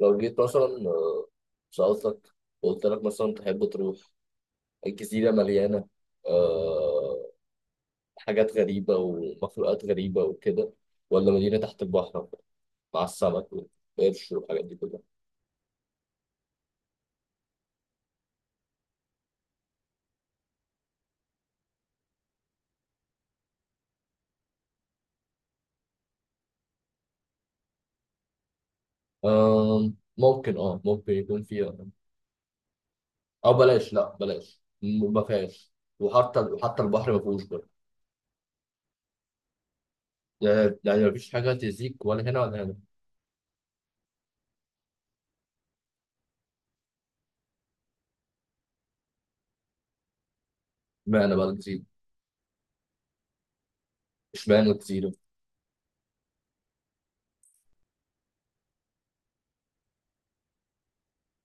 لو جيت مثلا سألتك وقلت لك مثلا تحب تروح الجزيرة مليانة آه حاجات غريبة ومخلوقات غريبة وكده، ولا مدينة تحت البحر مع السمك والقرش والحاجات دي كلها؟ آه، ممكن ممكن يكون فيها، أو بلاش، لا بلاش، ما فيهاش. وحتى البحر ما فيهوش برضه. يعني مفيش حاجة تزيك ولا هنا ولا هنا. اشمعنى بقى الجزيرة؟ اشمعنى الجزيرة؟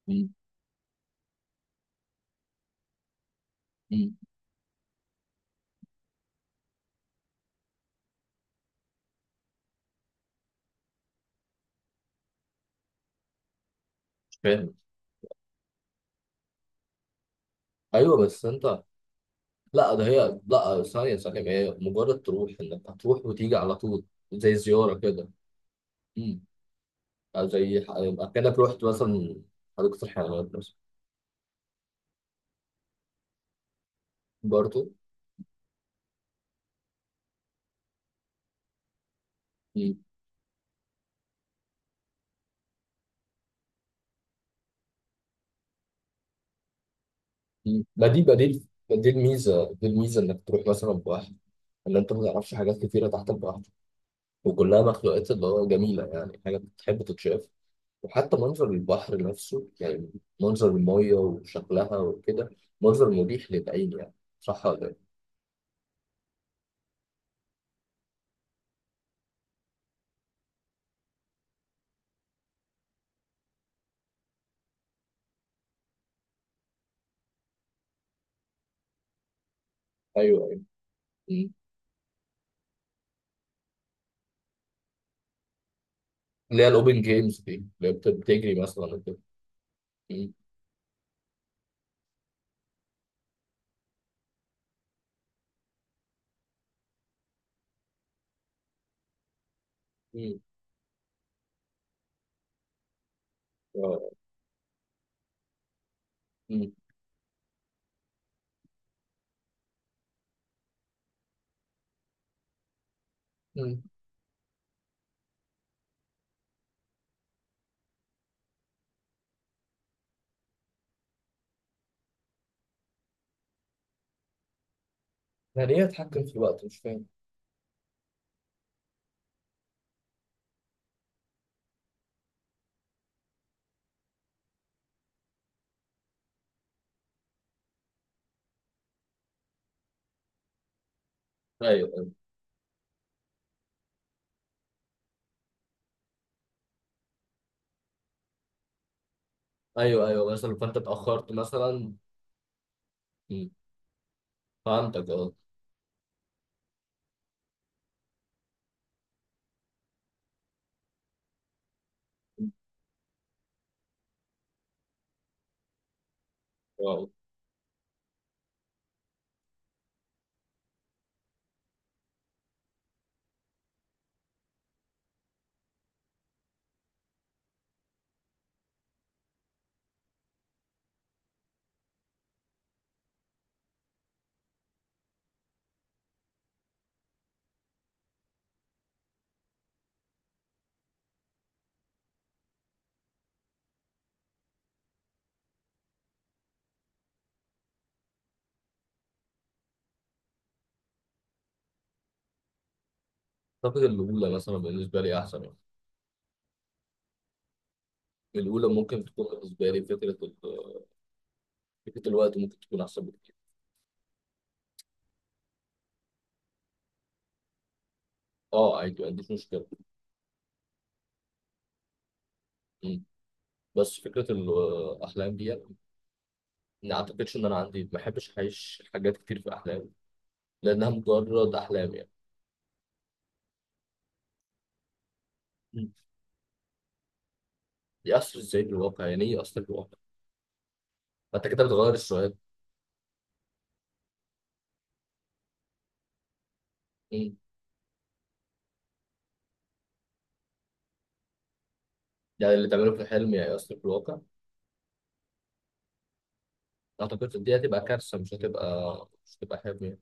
مم، مم، مش فاهم. ايوه بس انت، لا ده هي، لا ثانية هي مجرد تروح، انك هتروح وتيجي على طول، زي زيارة كده. امم، أو يبقى كأنك رحت مثلا حديقة الحيوانات مثلا. برضه. امم، أمم. ما دي بديل، دي الميزة انك تروح مثلا بواحد، ان انت ما تعرفش حاجات كتيرة تحت البحر، وكلها مخلوقات اللي هو جميلة، يعني حاجة بتحب تتشاف. وحتى منظر البحر نفسه يعني، منظر المية وشكلها وكده، منظر مريح للعين يعني. صح ولا إيه؟ ايوه، ايوه. اللي هي الاوبن جيمز دي اللي هي بتجري مثلا كده. مم. مم. آه. مم. مم. يعني ايه اتحكم في الوقت؟ مش فاهم. ايوه، ايوه. ايوه ايوه، مثلا فانت اتاخرت مثلا. مم. فهمتك، اه. آه. اعتقد الاولى مثلا بالنسبه لي احسن يعني. الاولى ممكن تكون بالنسبه لي، فكره فكره الوقت ممكن تكون احسن بكتير. اه، عادي، ما عنديش مشكله. مم. بس فكره الاحلام دي يعني، ما اعتقدش ان انا عندي، ما بحبش اعيش حاجات كتير في احلام، لانها مجرد احلام. يعني يأثر ازاي بالواقع؟ يعني ايه يأثر بالواقع؟ ما انت كده بتغير السؤال. مم. يعني اللي تعمله في الحلم يعني يأثر بالواقع؟ اعتقد دي هتبقى كارثة. مش هتبقى حلم يعني.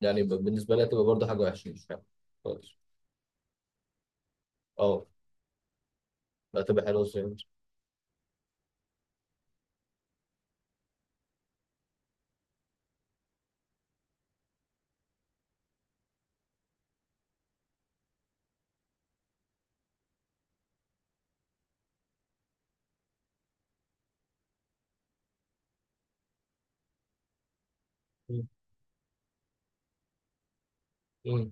يعني بالنسبة لي هتبقى برضه حاجة وحشة، مش حلم خالص. اه. لا، هتبقى حلوة ازاي؟ مم. مم.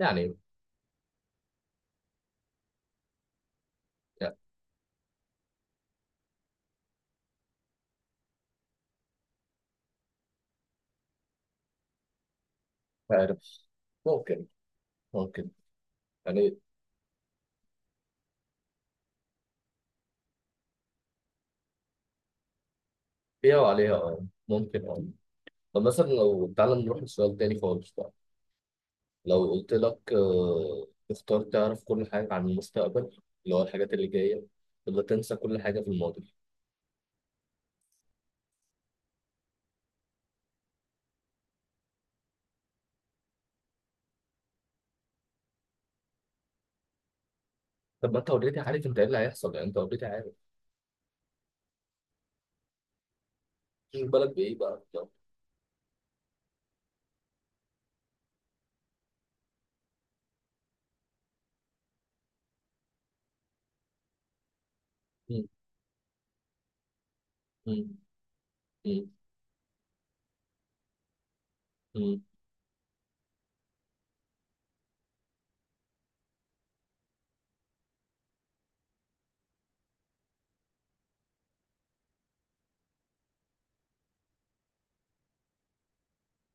يعني، لا مش عارف. ممكن، ممكن. يعني فيها وعليها، اه، ممكن، اه. طب مثلا لو تعالى نروح لسؤال تاني خالص بقى. لو قلت لك آه، تختار تعرف كل حاجة عن المستقبل، اللي هو الحاجات اللي جاية، ولا تنسى كل حاجة في الماضي؟ طب ما انت اوريدي عارف انت ايه اللي هيحصل، يعني انت اوريدي عارف. مش بالك بايه بقى، يلا. مم. مم. مم. مم.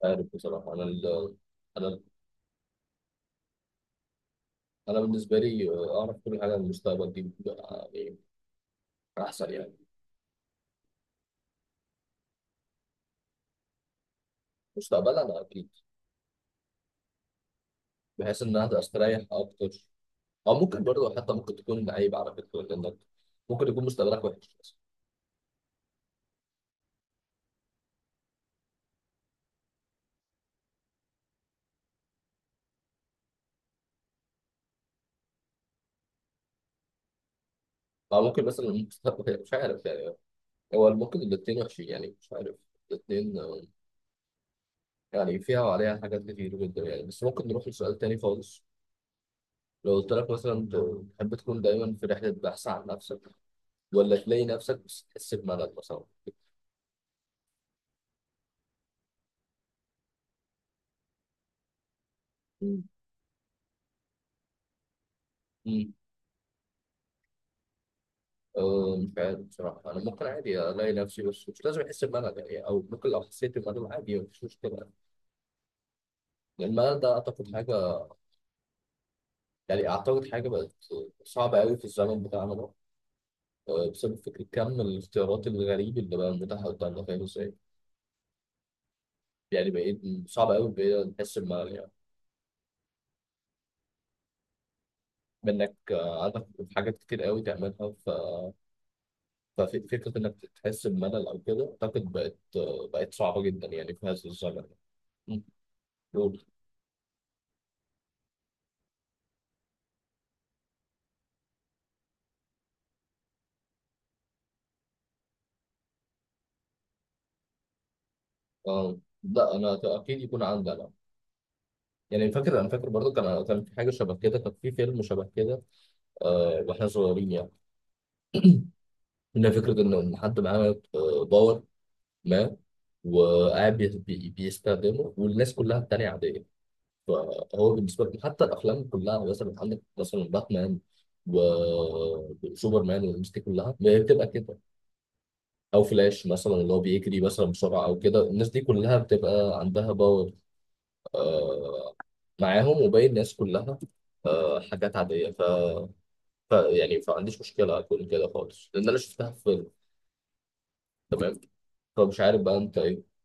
عارف بصراحه انا ال... انا انا بالنسبه لي آه، اعرف كل حاجه عن المستقبل دي بتبقى يعني احسن يعني. مستقبلا انا اكيد، بحيث ان انا هقدر استريح اكتر. او ممكن برضه حتى ممكن تكون عيب على فكره، لانك ممكن يكون مستقبلك وحش مثلا. او ممكن مثلا المستقبل مش عارف يعني، هو ممكن الاثنين وحشين يعني، مش عارف الاثنين. يعني فيها وعليها حاجات كتير جدا يعني. بس ممكن نروح لسؤال تاني خالص. لو قلت لك مثلا تحب تكون دايما في رحلة بحث عن نفسك، ولا تلاقي نفسك بس تحس بملل مثلا؟ مم. مم. أه مش عارف بصراحة. أنا ممكن عادي ألاقي نفسي بس مش لازم أحس بملل يعني، أو ممكن لو حسيت بملل عادي مفيش مشكلة. يعني الملل ده أعتقد حاجة، يعني أعتقد حاجة بقت صعبة أوي في الزمن بتاعنا ده، أه، بسبب فكرة كم الاختيارات الغريب اللي بقى متاحة قدامنا، فاهم إزاي؟ يعني بقيت صعب أوي بقيت نحس بملل يعني، بإنك أه، عندك حاجات كتير أوي تعملها. ففكرة إنك تحس بملل أو كده أعتقد بقت صعبة جدا يعني في هذا الزمن. مم. قول. آه. لا أنا أكيد يكون عندي أنا، يعني فاكر، أنا فاكر برضه كان في حاجة شبه كده، كان في فيلم شبه كده. آه وإحنا صغيرين يعني، إن فكرة إن حد معاه آه، باور ما، وقاعد بيستخدمه، والناس كلها التانية عادية. فهو بالنسبة لهم، حتى الأفلام كلها يعني، مثلا عندك مثلا باتمان وسوبرمان والناس دي كلها، ما هي بتبقى كده. او فلاش مثلا اللي هو بيجري مثلا بسرعه او كده، الناس دي كلها بتبقى عندها باور آه معاهم، وباقي الناس كلها آه حاجات عاديه. ف... ف يعني فما عنديش مشكله اكون كده خالص، لان انا شفتها في فيلم، تمام. فمش عارف بقى انت ايه